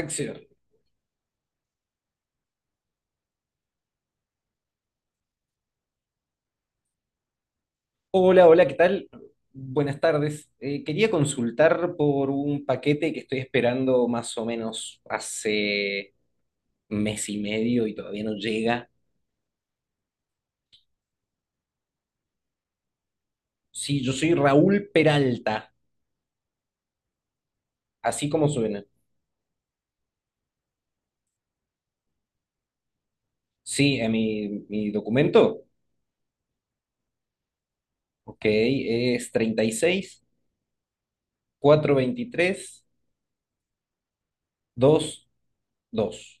Acción. Hola, hola, ¿qué tal? Buenas tardes. Quería consultar por un paquete que estoy esperando más o menos hace mes y medio y todavía no llega. Sí, yo soy Raúl Peralta, así como suena. Sí, mi documento, ok, es 36 423 22.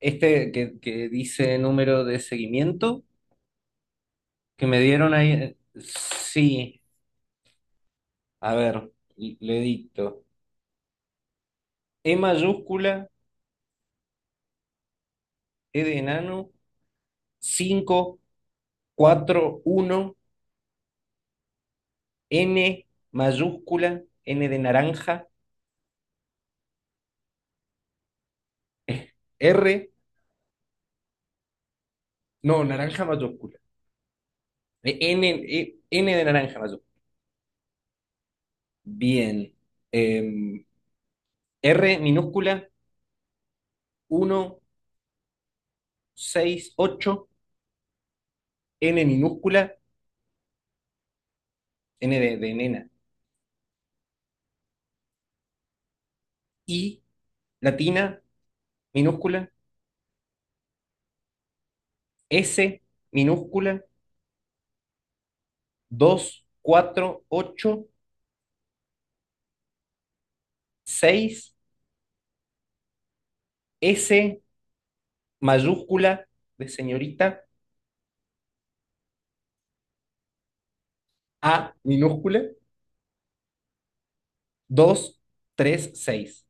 Este que dice número de seguimiento que me dieron ahí, sí, a ver, le dicto. E mayúscula, E de enano, cinco cuatro uno N mayúscula, N de naranja, R, no, naranja mayúscula. N, N de naranja mayúscula. Bien. Em, R minúscula, uno 6 8 N minúscula, N de nena, I latina minúscula, S minúscula, 2 4 8 6 S mayúscula de señorita, A minúscula, dos tres seis.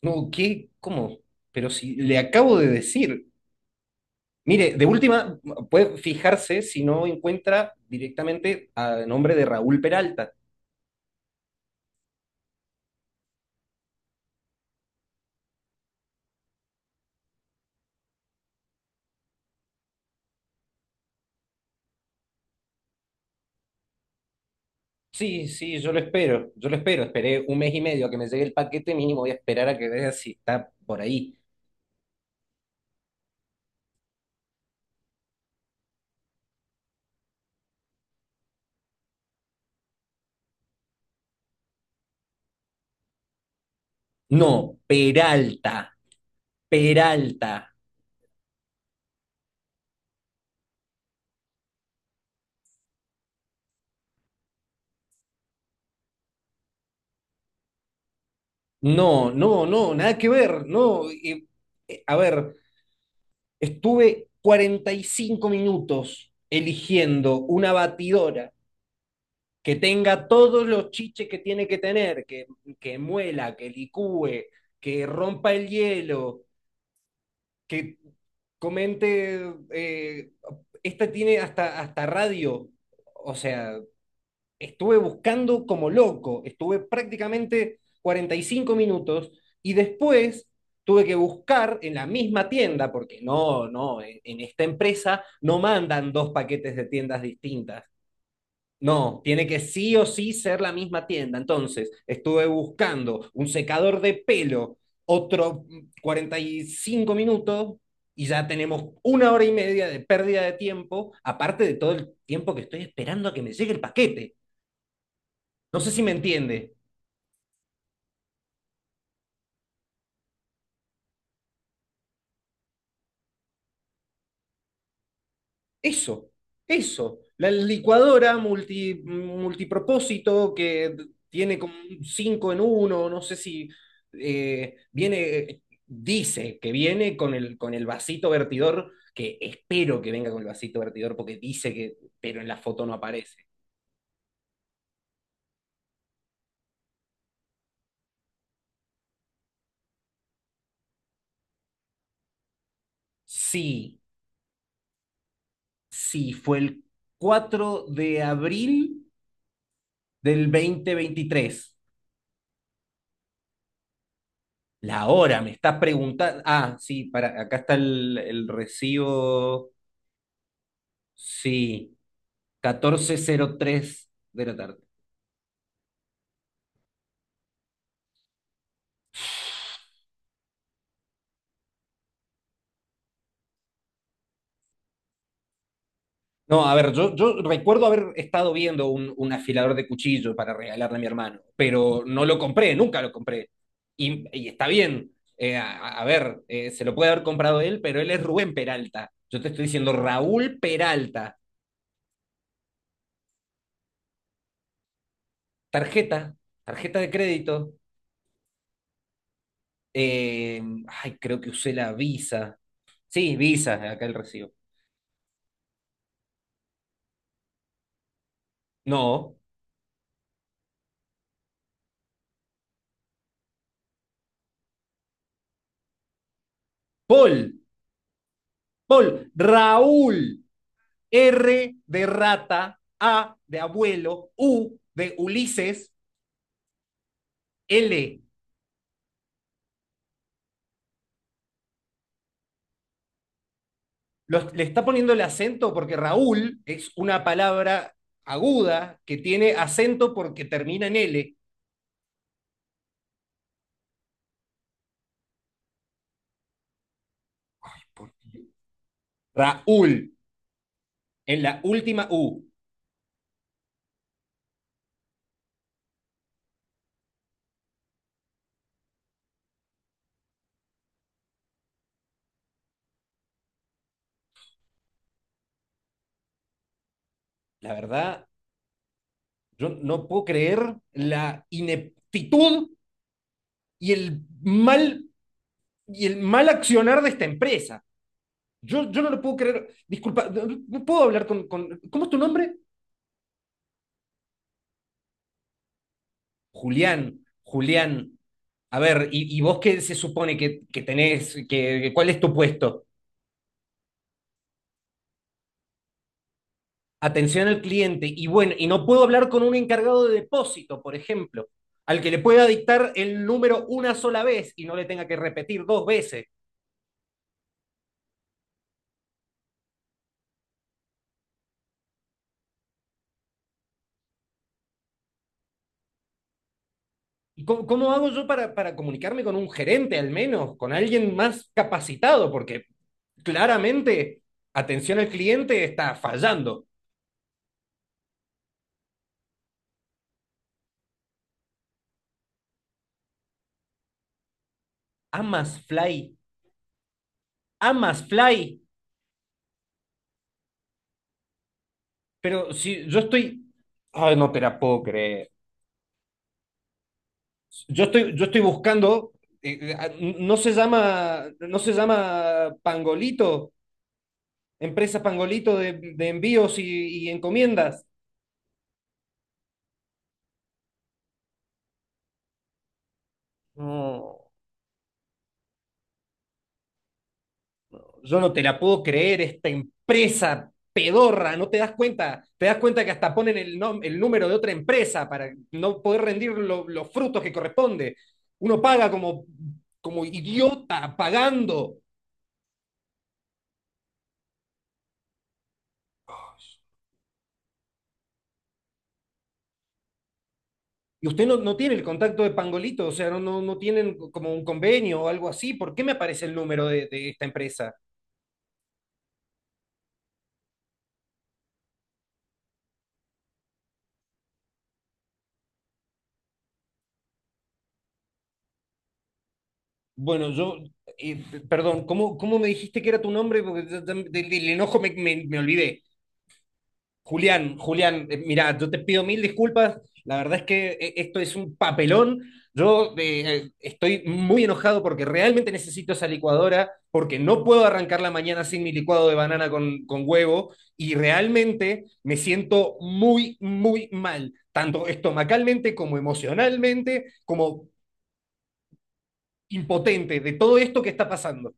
No, ¿qué? ¿Cómo? Pero si le acabo de decir. Mire, de última, puede fijarse si no encuentra directamente a nombre de Raúl Peralta. Sí, sí, yo lo espero, yo lo espero. Esperé un mes y medio a que me llegue el paquete, mínimo voy a esperar a que vea si está por ahí. No, Peralta, Peralta. No, no, no, nada que ver, no. A ver, estuve 45 minutos eligiendo una batidora que tenga todos los chiches que tiene que tener, que muela, que licúe, que rompa el hielo, que comente, esta tiene hasta, hasta radio, o sea, estuve buscando como loco, estuve prácticamente 45 minutos y después tuve que buscar en la misma tienda, porque no, no, en esta empresa no mandan dos paquetes de tiendas distintas. No, tiene que sí o sí ser la misma tienda. Entonces, estuve buscando un secador de pelo, otro 45 minutos, y ya tenemos una hora y media de pérdida de tiempo, aparte de todo el tiempo que estoy esperando a que me llegue el paquete. No sé si me entiende. Eso, eso. La licuadora multipropósito que tiene como un 5 en uno, no sé si viene, dice que viene con el vasito vertidor, que espero que venga con el vasito vertidor porque dice que, pero en la foto no aparece. Sí, sí, fue el 4 de abril del 2023. La hora, me estás preguntando. Ah, sí, para, acá está el recibo. Sí, 14:03 de la tarde. No, a ver, yo recuerdo haber estado viendo un afilador de cuchillo para regalarle a mi hermano, pero no lo compré, nunca lo compré. Y está bien. A ver, se lo puede haber comprado él, pero él es Rubén Peralta. Yo te estoy diciendo Raúl Peralta. Tarjeta, tarjeta de crédito. Eh, ay, creo que usé la Visa. Sí, Visa, acá el recibo. No, Paul, Paul, Raúl, R de rata, A de abuelo, U de Ulises, L. Le está poniendo el acento porque Raúl es una palabra aguda que tiene acento porque termina en L. Raúl, en la última U. La verdad, yo no puedo creer la ineptitud y el mal, accionar de esta empresa. Yo no lo puedo creer. Disculpa, no, no puedo hablar. ¿Cómo es tu nombre? Julián, Julián. A ver, ¿y vos qué se supone que tenés? ¿Cuál es tu puesto? Atención al cliente. Y bueno, y no puedo hablar con un encargado de depósito, por ejemplo, al que le pueda dictar el número una sola vez y no le tenga que repetir dos veces. ¿Y cómo hago yo para comunicarme con un gerente, al menos, con alguien más capacitado? Porque claramente atención al cliente está fallando. Amas Fly, amas Fly, pero si yo estoy, ay, no te la puedo creer. Yo estoy buscando, eh, eh, ah, no se llama, no se llama Pangolito, empresa Pangolito de envíos y encomiendas. No, yo no te la puedo creer, esta empresa pedorra, no te das cuenta, te das cuenta que hasta ponen el, el número de otra empresa para no poder rendir los frutos que corresponde. Uno paga como idiota pagando y usted no, no tiene el contacto de Pangolito, o sea, no, no, no tienen como un convenio o algo así. ¿Por qué me aparece el número de esta empresa? Bueno, eh, perdón, ¿cómo me dijiste que era tu nombre? Porque del enojo me olvidé. Julián, Julián, mira, yo te pido mil disculpas. La verdad es que esto es un papelón. Yo estoy muy enojado porque realmente necesito esa licuadora, porque no puedo arrancar la mañana sin mi licuado de banana con huevo y realmente me siento muy, muy mal, tanto estomacalmente como emocionalmente, como impotente de todo esto que está pasando.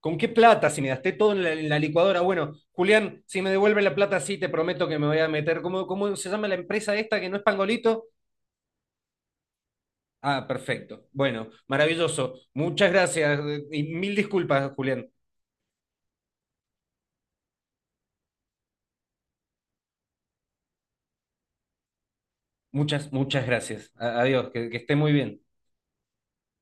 ¿Con qué plata? Si me gasté todo en la, licuadora. Bueno, Julián, si me devuelve la plata, sí, te prometo que me voy a meter. ¿Cómo se llama la empresa esta que no es Pangolito? Ah, perfecto. Bueno, maravilloso. Muchas gracias y mil disculpas, Julián. Muchas, muchas gracias. Adiós, que esté muy bien.